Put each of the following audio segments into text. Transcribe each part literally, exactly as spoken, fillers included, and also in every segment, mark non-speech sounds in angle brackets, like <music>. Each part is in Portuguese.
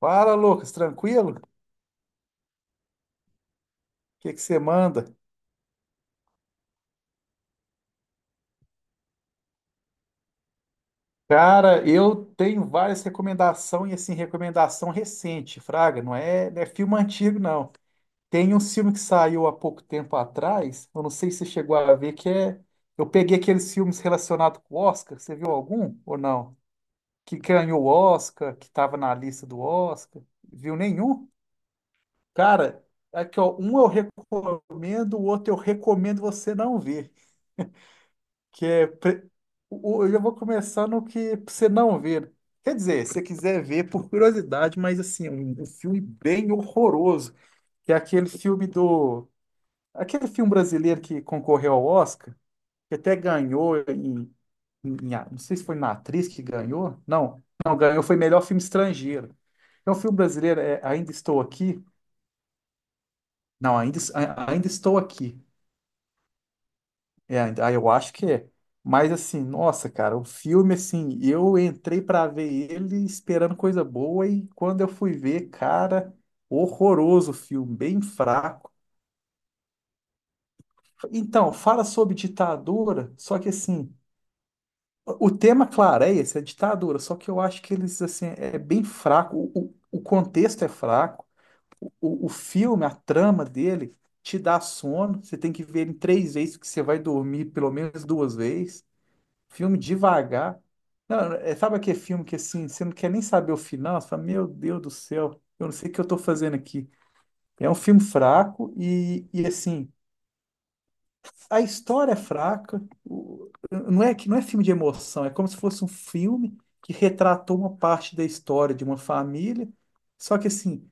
Fala, Lucas, tranquilo? O que que você manda? Cara, eu tenho várias recomendações, e assim, recomendação recente, Fraga, não é, não é filme antigo, não. Tem um filme que saiu há pouco tempo atrás, eu não sei se você chegou a ver, que é. Eu peguei aqueles filmes relacionados com o Oscar, você viu algum ou não? Que ganhou o Oscar, que estava na lista do Oscar. Viu nenhum? Cara, aqui, ó, um eu recomendo, o outro eu recomendo você não ver. Que é. pre- o- Eu já vou começar no que pra você não ver. Quer dizer, se você quiser ver por curiosidade, mas assim, um, um filme bem horroroso, que é aquele filme do. Aquele filme brasileiro que concorreu ao Oscar, que até ganhou em, em- a- Não sei se foi na atriz que ganhou. Não, não, ganhou, foi melhor filme estrangeiro. É um filme brasileiro, é Ainda Estou Aqui. Não, ainda, Ainda Estou Aqui. É, ah, eu acho que é. Mas assim, nossa, cara, o filme, assim, eu entrei pra ver ele esperando coisa boa e quando eu fui ver, cara, horroroso o filme, bem fraco. Então, fala sobre ditadura, só que assim, o tema clareia essa ditadura, só que eu acho que eles, assim, é bem fraco, o, o o contexto é fraco, o, o o filme, a trama dele te dá sono, você tem que ver ele três vezes, que você vai dormir pelo menos duas vezes. Filme devagar. Não, é, sabe aquele filme que assim, você não quer nem saber o final, você fala, meu Deus do céu, eu não sei o que eu tô fazendo aqui. É um filme fraco e, e assim, a história é fraca, o- não é que não é filme de emoção, é como se fosse um filme que retratou uma parte da história de uma família, só que assim,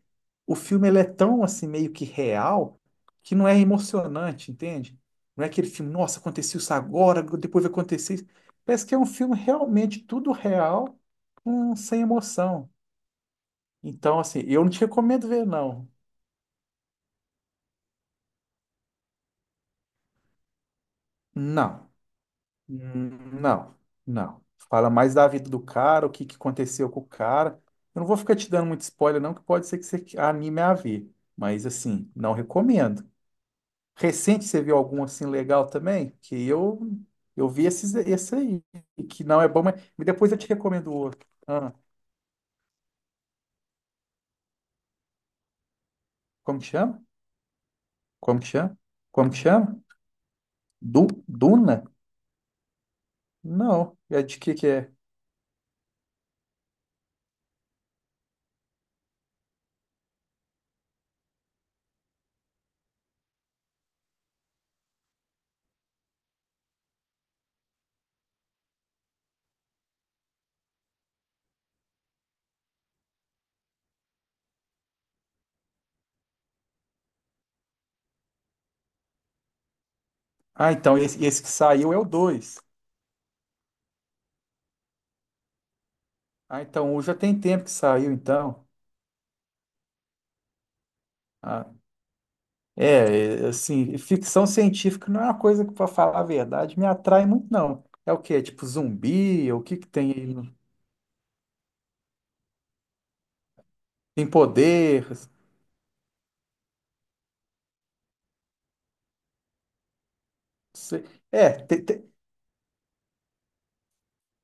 o filme ele é tão assim meio que real que não é emocionante, entende? Não é aquele filme, nossa, aconteceu isso agora, depois vai acontecer isso. Parece que é um filme realmente tudo real, hum, sem emoção. Então, assim, eu não te recomendo ver, não. Não. Hum, não, não. Fala mais da vida do cara, o que que aconteceu com o cara. Eu não vou ficar te dando muito spoiler, não, que pode ser que você anime a ver. Mas, assim, não recomendo. Recente, você viu algum assim legal também? Que eu eu vi esses, esse aí, que não é bom, mas mas depois eu te recomendo o outro. Ah, como que chama? Como que chama? Como que chama? Du, Duna? Não. É de que que é? Ah, então, esse, esse que saiu é o dois. Ah, então, o já tem tempo que saiu, então. Ah, É, é, assim, ficção científica não é uma coisa que, para falar a verdade, me atrai muito, não. É o quê? É tipo zumbi? O que que tem aí? no- Tem poder? se- É, te- te-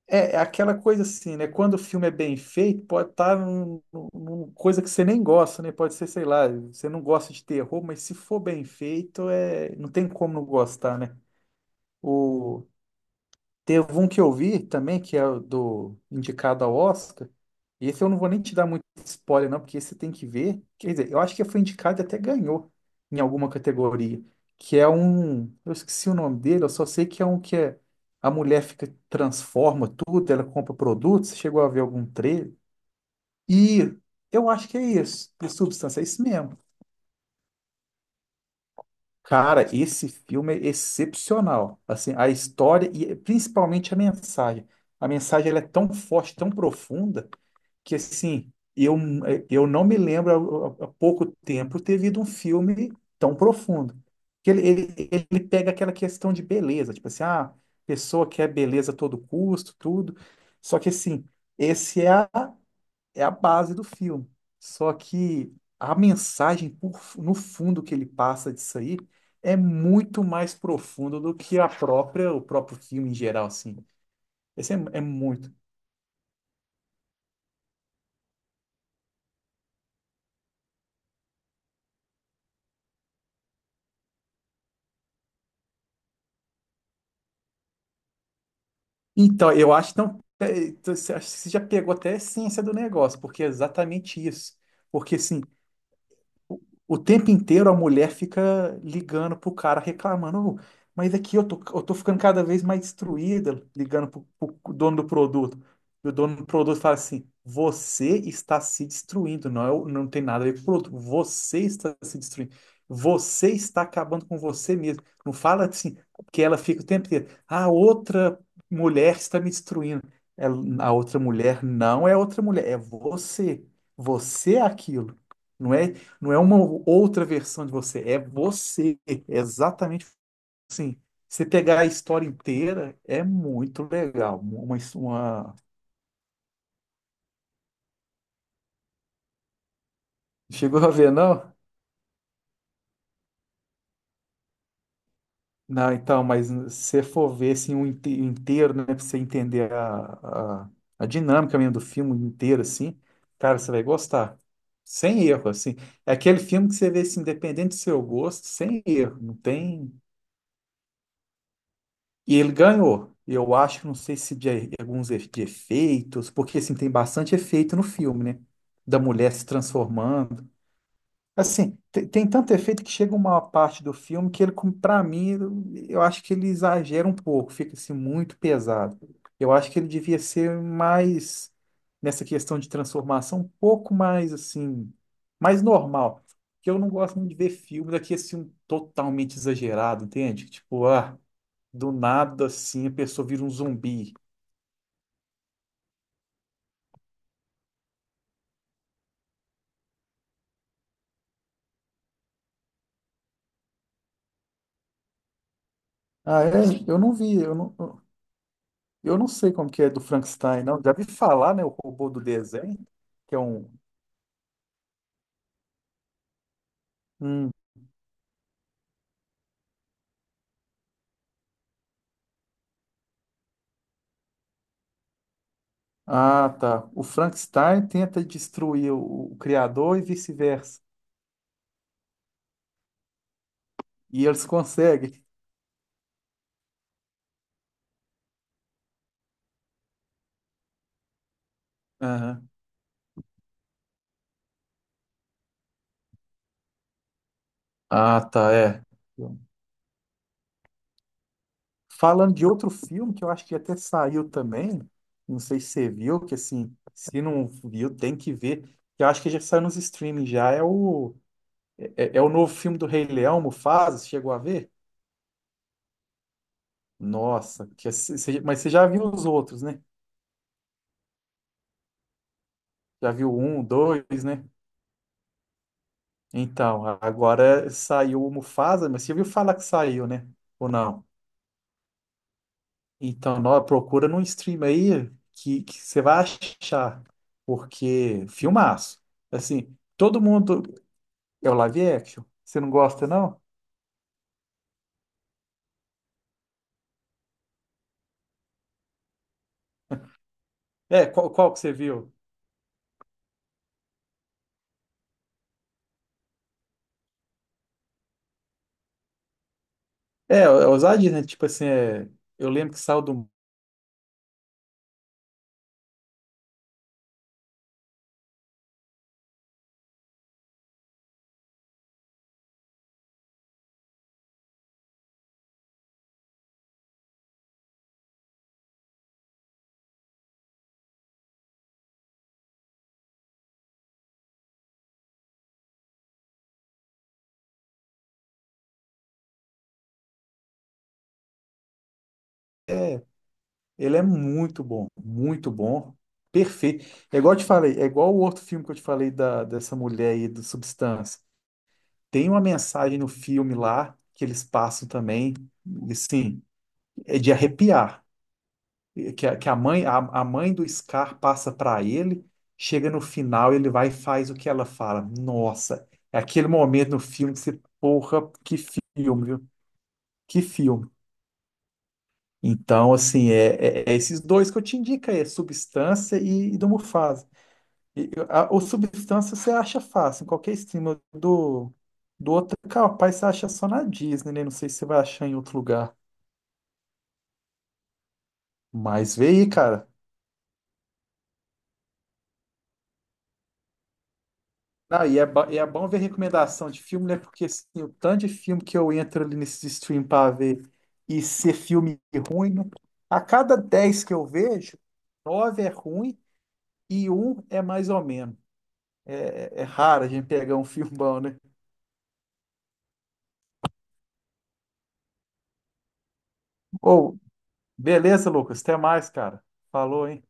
é, é aquela coisa assim, né? Quando o filme é bem feito, pode estar num, num- numa coisa que você nem gosta, né? Pode ser, sei lá, você não gosta de terror, mas se for bem feito, é, não tem como não gostar, né? Teve um que eu vi também, que é o do indicado ao Oscar. E esse eu não vou nem te dar muito spoiler, não, porque esse você tem que ver. Quer dizer, eu acho que foi indicado e até ganhou em alguma categoria. Que é um. Eu esqueci o nome dele, eu só sei que é um que é. A mulher fica, transforma tudo, ela compra produtos. Você chegou a ver algum trailer? E eu acho que é isso, de Substância, é isso mesmo. Cara, esse filme é excepcional. Assim, a história e principalmente a mensagem. A mensagem ela é tão forte, tão profunda, que assim, eu, eu não me lembro há, há pouco tempo ter visto um filme tão profundo. Que ele, ele, ele pega aquela questão de beleza, tipo assim, ah, a pessoa quer beleza a todo custo, tudo. Só que assim, esse é a é a base do filme. Só que a mensagem por- no fundo que ele passa disso aí é muito mais profunda do que a própria, o próprio filme em geral, assim. Esse é, é muito. Então, eu acho que não, é, então, você acho que você já pegou até a essência do negócio, porque é exatamente isso. Porque, assim, o tempo inteiro a mulher fica ligando pro cara, reclamando, "Ô, mas aqui eu tô, eu tô ficando cada vez mais destruída, ligando pro, pro dono do produto. E o dono do produto fala assim: você está se destruindo, não, é o- não tem nada a ver com o produto, você está se destruindo. Você está acabando com você mesmo. Não fala assim, que ela fica o tempo inteiro. A outra mulher está me destruindo. Ela- a outra mulher não é outra mulher, é você. Você é aquilo. Não é não é uma outra versão de você, é você. É exatamente assim. Você pegar a história inteira é muito legal. Uma, uma... Chegou a ver, não? Não, então, mas se você for ver assim, um inte- inteiro, né, pra você entender a, a, a dinâmica mesmo do filme inteiro, assim, cara, você vai gostar. Sem erro, assim. É aquele filme que você vê, assim, independente do seu gosto, sem erro. Não tem. E ele ganhou. Eu acho, não sei se de e- alguns e- de efeitos, porque assim, tem bastante efeito no filme, né? Da mulher se transformando. Assim, te- tem, tanto efeito que chega uma parte do filme que ele, para mim, eu eu acho que ele exagera um pouco, fica assim muito pesado. Eu acho que ele devia ser mais, nessa questão de transformação, um pouco mais assim, mais normal. Porque eu não gosto muito de ver filme daqui assim, um totalmente exagerado, entende? Tipo, ah. Do nada, assim, a pessoa vira um zumbi. Ah, é? Eu não vi, eu não, eu não sei como que é do Frankenstein, não. Já vi falar, né? O robô do desenho, que é um. Hum. Ah, tá. O Frankenstein tenta destruir o, o criador e vice-versa. E eles conseguem. Aham. Ah, tá, é. Falando de outro filme que eu acho que até saiu também, não sei se você viu, que assim, se não viu, tem que ver. Que Eu acho que já saiu nos streaming já, é o É, é o novo filme do Rei Leão, Mufasa, você chegou a ver? Nossa, que, esse- você- mas você já viu os outros, né? Já viu o um, o dois, né? Então, a- agora saiu o Mufasa, mas você viu falar que saiu, né? Ou não? Então, nó- procura num stream aí que, que você vai achar, porque filmaço. Assim, todo mundo... É o live action? Você não gosta, não? É, qual, qual que você viu? É, é ousadia, né? Tipo assim, é, eu lembro que saiu do... Ele é muito bom, muito bom, perfeito. É igual eu te falei, é igual o outro filme que eu te falei da, dessa mulher aí do Substância. Tem uma mensagem no filme lá que eles passam também, e sim, é de arrepiar. E Que, a- que a mãe, a, a mãe do Scar passa para ele, chega no final, ele vai e faz o que ela fala. Nossa, é aquele momento no filme que você, porra, que filme, viu? Que filme. Então, assim, é, é- é esses dois que eu te indico aí, é Substância e, e do Mufasa. E a, o Substância você acha fácil, em qualquer estima do, do outro, capaz você acha só na Disney, né? Não sei se você vai achar em outro lugar. Mas vê aí, cara. Ah, e é, ba- e é bom ver recomendação de filme, né? Porque assim, o tanto de filme que eu entro ali nesse stream pra ver e ser filme ruim, né? A cada dez que eu vejo, nove é ruim e um é mais ou menos. É, é é raro a gente pegar um <laughs> filme bom, né? Ou, beleza, Lucas, até mais, cara. Falou, hein?